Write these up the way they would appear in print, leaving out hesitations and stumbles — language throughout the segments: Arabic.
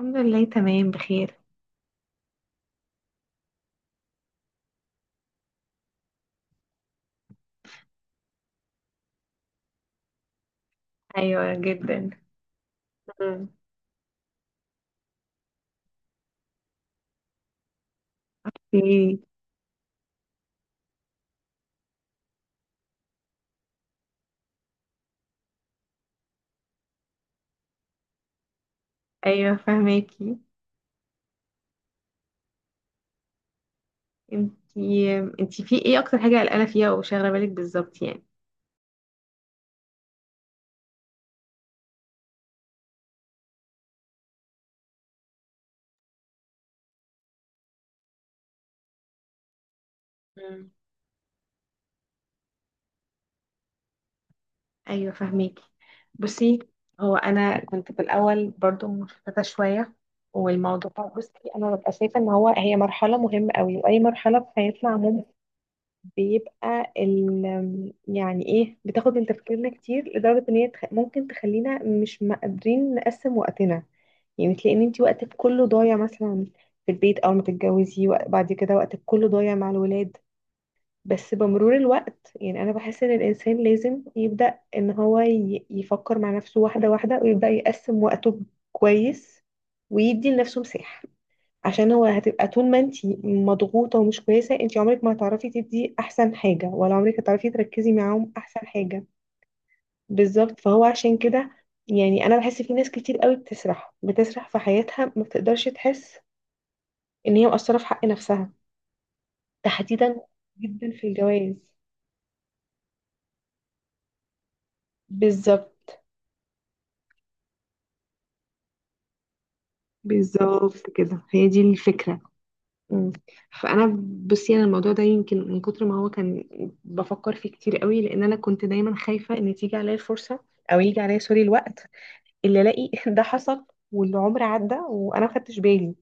الحمد لله، تمام بخير. ايوه جدا. مم. ايه. ايوه فهماكي. انتي في ايه اكتر حاجه قلقانه فيها وشاغله بالك بالظبط يعني؟ مم. ايوه فهماكي. بصي، هو انا كنت في الاول برضو مشتته شويه، والموضوع بصي انا ببقى شايفه ان هو هي مرحله مهمه قوي، واي مرحله في حياتنا عموما بيبقى ال يعني ايه بتاخد من تفكيرنا كتير لدرجه ان هي ممكن تخلينا مش مقدرين نقسم وقتنا. يعني تلاقي ان انت وقتك كله ضايع مثلا في البيت اول ما تتجوزي، وبعد كده وقتك كله ضايع مع الولاد. بس بمرور الوقت، يعني انا بحس ان الانسان لازم يبدأ ان هو يفكر مع نفسه واحدة واحدة ويبدأ يقسم وقته كويس، ويدي لنفسه مساحة. عشان هو هتبقى طول ما انت مضغوطة ومش كويسة انت عمرك ما هتعرفي تدي احسن حاجة، ولا عمرك هتعرفي تركزي معاهم احسن حاجة. بالظبط، فهو عشان كده يعني انا بحس في ناس كتير قوي بتسرح بتسرح في حياتها ما بتقدرش تحس ان هي مقصره في حق نفسها تحديدا، جدا في الجواز. بالظبط. بالظبط كده، هي دي الفكرة. مم. فانا، بصي انا الموضوع ده يمكن من كتر ما هو كان بفكر فيه كتير قوي، لان انا كنت دايما خايفه ان تيجي عليا الفرصه، او يجي عليا سوري الوقت اللي الاقي ده حصل والعمر عدى وانا ما خدتش بالي.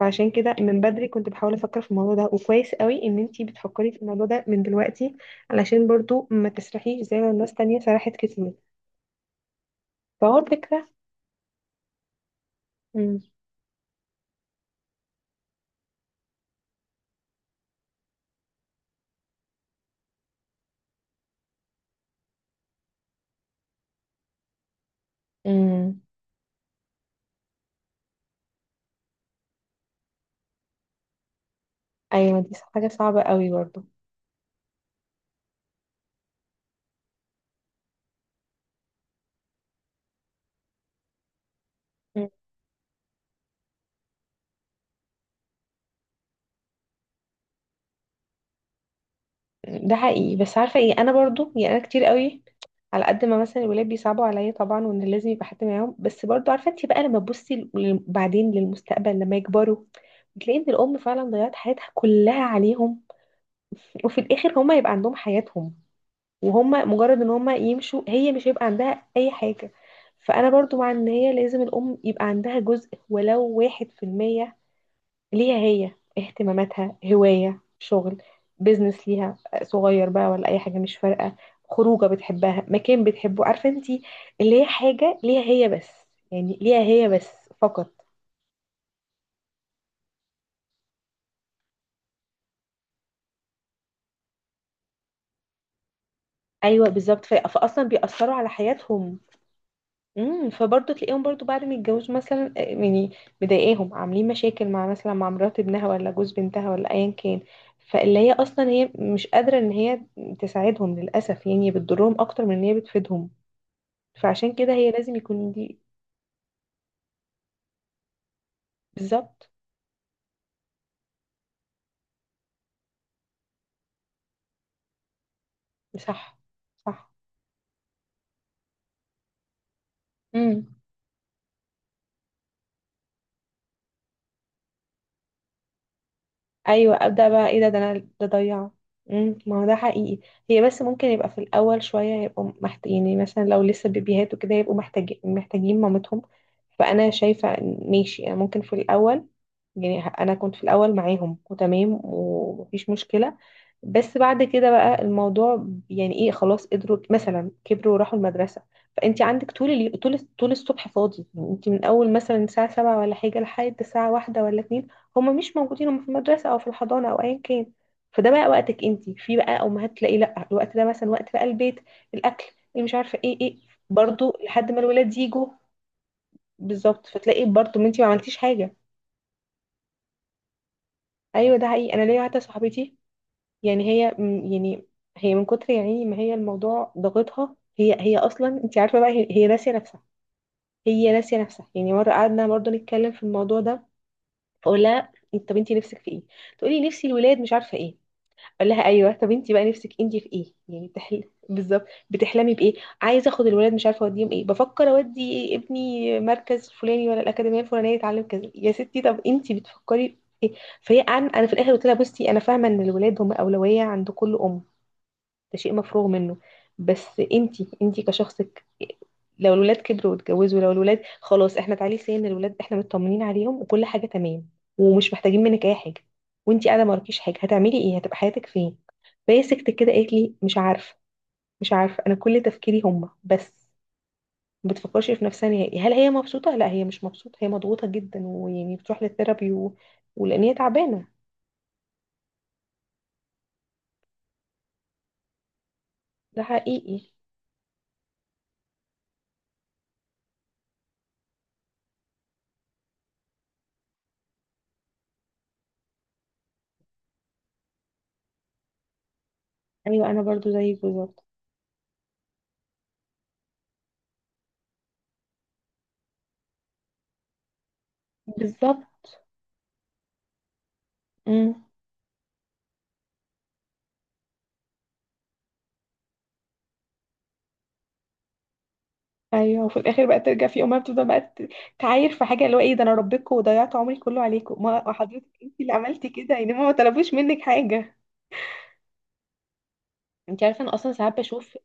فعشان كده من بدري كنت بحاول افكر في الموضوع ده، وكويس قوي ان انتي بتفكري في الموضوع ده من دلوقتي، علشان برضو ما تسرحيش زي ما الناس تانية سرحت كتير. فهو الفكرة. امم. امم. ايوه، دي حاجة صعبة قوي برضو. مم. ده حقيقي، بس عارفة ايه، انا برضو يعني انا كتير قوي على قد ما مثلا الولاد بيصعبوا عليا طبعا، وان لازم يبقى حد معاهم، بس برضو عارفة انتي بقى لما تبصي بعدين للمستقبل لما يكبروا بتلاقي ان الام فعلا ضيعت حياتها كلها عليهم، وفي الاخر هما يبقى عندهم حياتهم، وهم مجرد ان هم يمشوا هي مش هيبقى عندها اي حاجة. فانا برضو مع ان هي لازم الام يبقى عندها جزء ولو واحد في المية ليها هي، اهتماماتها، هواية، شغل، بيزنس ليها صغير بقى، ولا اي حاجة مش فارقة، خروجة بتحبها، مكان بتحبه، عارفة انتي، اللي هي حاجة ليها هي بس، يعني ليها هي بس فقط. ايوه بالظبط. فاصلا بيأثروا على حياتهم. امم. فبرضه تلاقيهم برضه بعد ما يتجوزوا مثلا يعني مضايقاهم عاملين مشاكل مع مثلا مع مرات ابنها، ولا جوز بنتها، ولا ايا كان. فاللي هي اصلا هي مش قادره ان هي تساعدهم للاسف، يعني بتضرهم اكتر من ان هي بتفيدهم. فعشان كده هي لازم يكون دي. بالظبط. صح. صح. امم. ايوه ابدا، بقى ايه ده، ده انا ده ضيعه. امم، ما هو ده حقيقي. هي بس ممكن يبقى في الاول شويه يبقوا يعني مثلا لو لسه بيبيهات وكده يبقوا محتاجين مامتهم. فانا شايفه إن ماشي انا ممكن في الاول، يعني انا كنت في الاول معاهم وتمام ومفيش مشكله، بس بعد كده بقى الموضوع يعني ايه خلاص قدروا مثلا كبروا وراحوا المدرسه. فانت عندك طول طول الصبح فاضي، يعني انت من اول مثلا الساعه 7 ولا حاجه لحد الساعه واحدة ولا اتنين هما مش موجودين، هما في المدرسه او في الحضانه او ايا كان. فده بقى وقتك انت، في بقى امهات تلاقي لا الوقت ده مثلا وقت بقى البيت، الاكل، اللي مش عارفه ايه ايه، برضو لحد ما الولاد يجوا. بالظبط، فتلاقي برضو ما انت ما عملتيش حاجه. ايوه ده حقيقي. انا ليا واحده صاحبتي، يعني هي يعني هي من كتر يعني ما هي الموضوع ضاغطها، هي هي اصلا انت عارفه بقى هي ناسيه نفسها. هي ناسيه نفسها، يعني مره قعدنا برضه نتكلم في الموضوع ده، فاقول لها طب انت نفسك في ايه؟ تقولي نفسي الولاد مش عارفه ايه. اقول لها ايوه طب انت بقى نفسك انت في ايه يعني بالظبط بتحلمي بايه؟ عايزه اخد الولاد مش عارفه اوديهم ايه، بفكر اودي ابني مركز فلاني ولا الاكاديميه الفلانيه يتعلم كذا. يا ستي طب انت بتفكري في ايه؟ فهي انا في الاخر قلت لها بصي انا فاهمه ان الولاد هم اولويه عند كل ام، ده شيء مفروغ منه، بس انتي انتي كشخصك لو الولاد كبروا واتجوزوا، لو الولاد خلاص احنا تعالي سن الولاد احنا مطمنين عليهم وكل حاجه تمام ومش محتاجين منك اي حاجه، وانتي قاعده ما وراكيش حاجه هتعملي ايه؟ هتبقى حياتك فين؟ فهي سكتت كده، قالت لي مش عارفه، مش عارفه انا كل تفكيري هما بس. ما بتفكرش في نفسها نهائي، هل هي مبسوطه؟ لا هي مش مبسوطه، هي مضغوطه جدا، ويعني بتروح للثيرابي ولان هي تعبانه. ده حقيقي. ايوه انا برضو زيك بالظبط. بالظبط. مم. ايوه، وفي الاخر بقى ترجع في امها، بتفضل بقى تعاير في حاجه، اللي هو ايه ده انا ربيتكم وضيعت عمري كله عليكم، ما حضرتك انت اللي عملتي كده يعني، هما ما طلبوش منك حاجه. انت عارفه انا اصلا ساعات بشوف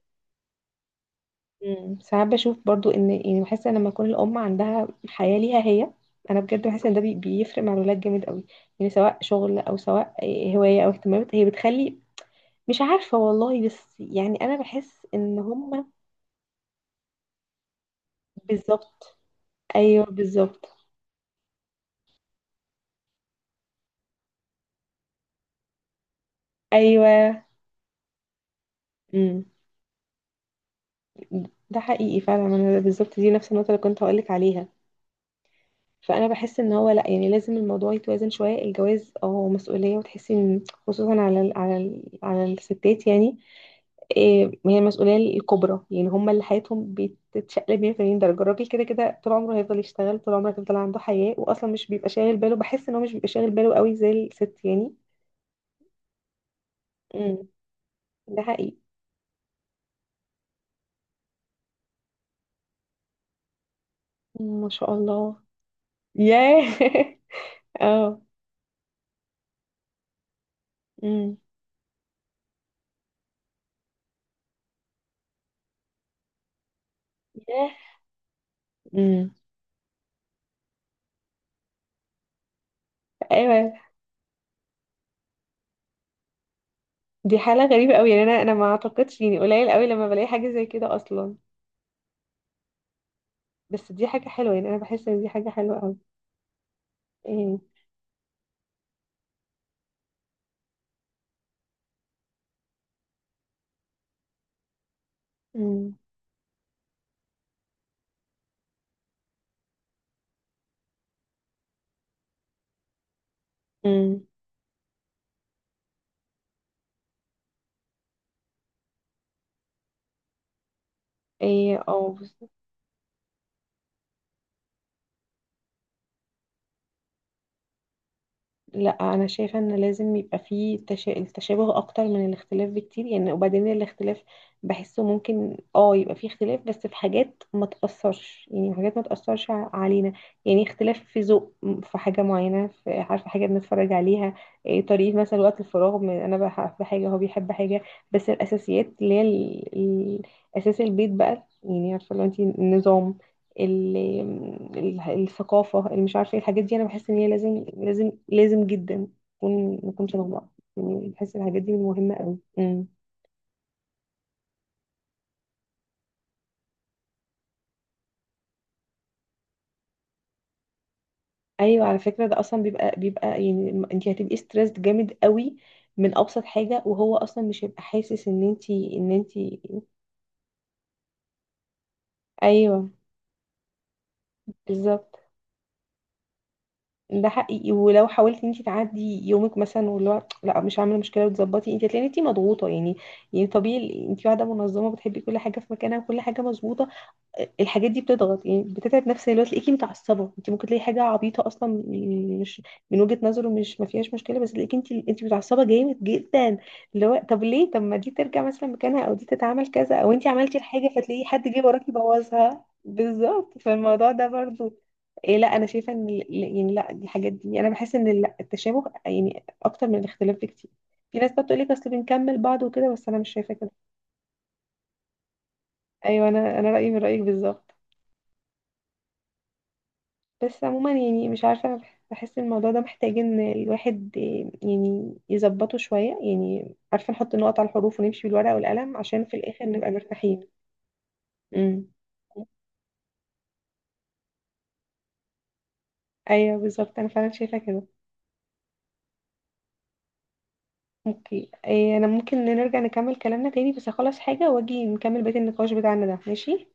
ساعات بشوف برضو ان يعني بحس ان لما يكون الام عندها حياه ليها هي، انا بجد بحس ان ده بيفرق مع الولاد جامد قوي، يعني سواء شغل او سواء هوايه او اهتمامات هي بتخلي، مش عارفه والله، بس يعني انا بحس ان هما بالظبط. ايوه بالظبط. ايوه ده حقيقي فعلا، ما انا بالظبط دي نفس النقطه اللي كنت هقولك عليها. فانا بحس ان هو لا، يعني لازم الموضوع يتوازن شويه، الجواز اه مسؤوليه وتحسي ان خصوصا على الستات يعني، إيه هي المسؤوليه الكبرى، يعني هم اللي حياتهم بتتشقلب 180 درجه. الراجل كده كده طول عمره هيفضل يشتغل، طول عمره هيفضل عنده حياه، واصلا مش بيبقى شاغل باله، بحس ان هو مش بيبقى شاغل باله قوي زي الست يعني. امم. ده حقيقي. مم، ما شاء الله. ياه اه. امم. ياه. امم. ايوه دي حالة غريبة قوي، يعني انا ما اعتقدش، يعني قليل قوي لما بلاقي حاجة زي كده اصلا. بس دي حاجة حلوة، يعني انا بحس ان دي حاجة حلوة قوي. ايه. امم. امم. ايه اه. لا انا شايفه ان لازم يبقى فيه التشابه اكتر من الاختلاف بكتير. يعني وبعدين الاختلاف بحسه ممكن اه يبقى فيه اختلاف، بس في حاجات ما تاثرش، يعني في حاجات ما تاثرش علينا. يعني اختلاف في ذوق في حاجه معينه، في عارفه حاجه بنتفرج عليها، إيه طريقه مثلا وقت الفراغ، من انا بحب حاجه هو بيحب حاجه. بس الاساسيات اللي هي اساس البيت بقى يعني عارفه لو انت النظام، ال- الثقافة، اللي مش عارفة ايه الحاجات دي، انا بحس ان هي لازم لازم لازم جدا نكون شبه بعض. يعني بحس الحاجات دي مهمة قوي. امم. ايوه على فكرة ده اصلا بيبقى يعني انت هتبقي ستريسد جامد قوي من ابسط حاجة، وهو اصلا مش هيبقى حاسس ان انت. ايوه بالظبط. ده حقيقي، ولو حاولتي انت تعدي يومك مثلا واللي هو لا مش عامله مشكله وتظبطي انت هتلاقي انت مضغوطه يعني. يعني طبيعي انت واحده منظمه بتحبي كل حاجه في مكانها وكل حاجه مظبوطه، الحاجات دي بتضغط يعني بتتعب نفسيا لو تلاقيكي متعصبه، انت ممكن تلاقي حاجه عبيطه اصلا، يعني مش من وجهه نظره مش ما فيهاش مشكله، بس تلاقيكي انت انت متعصبه جامد جدا، اللي هو طب ليه طب ما دي ترجع مثلا مكانها، او دي تتعمل كذا، او انت عملتي الحاجه فتلاقي حد جه وراكي بوظها، بالظبط فالموضوع ده برضو. إيه لا انا شايفه ان يعني لا دي حاجات دي انا بحس ان التشابه يعني اكتر من الاختلاف بكتير. في ناس بقى بتقول لك اصل بنكمل بعض وكده بس انا مش شايفه كده. ايوه انا رايي من رايك بالظبط. بس عموما يعني مش عارفة بحس الموضوع ده محتاج ان الواحد يعني يظبطه شوية، يعني عارفة نحط النقط على الحروف ونمشي بالورقة والقلم عشان في الآخر نبقى مرتاحين. امم. ايوه بالظبط انا فعلا شايفة كده. اوكي إيه انا ممكن نرجع نكمل كلامنا تاني، بس اخلص حاجة واجي نكمل بقية النقاش بتاعنا ده. ماشي؟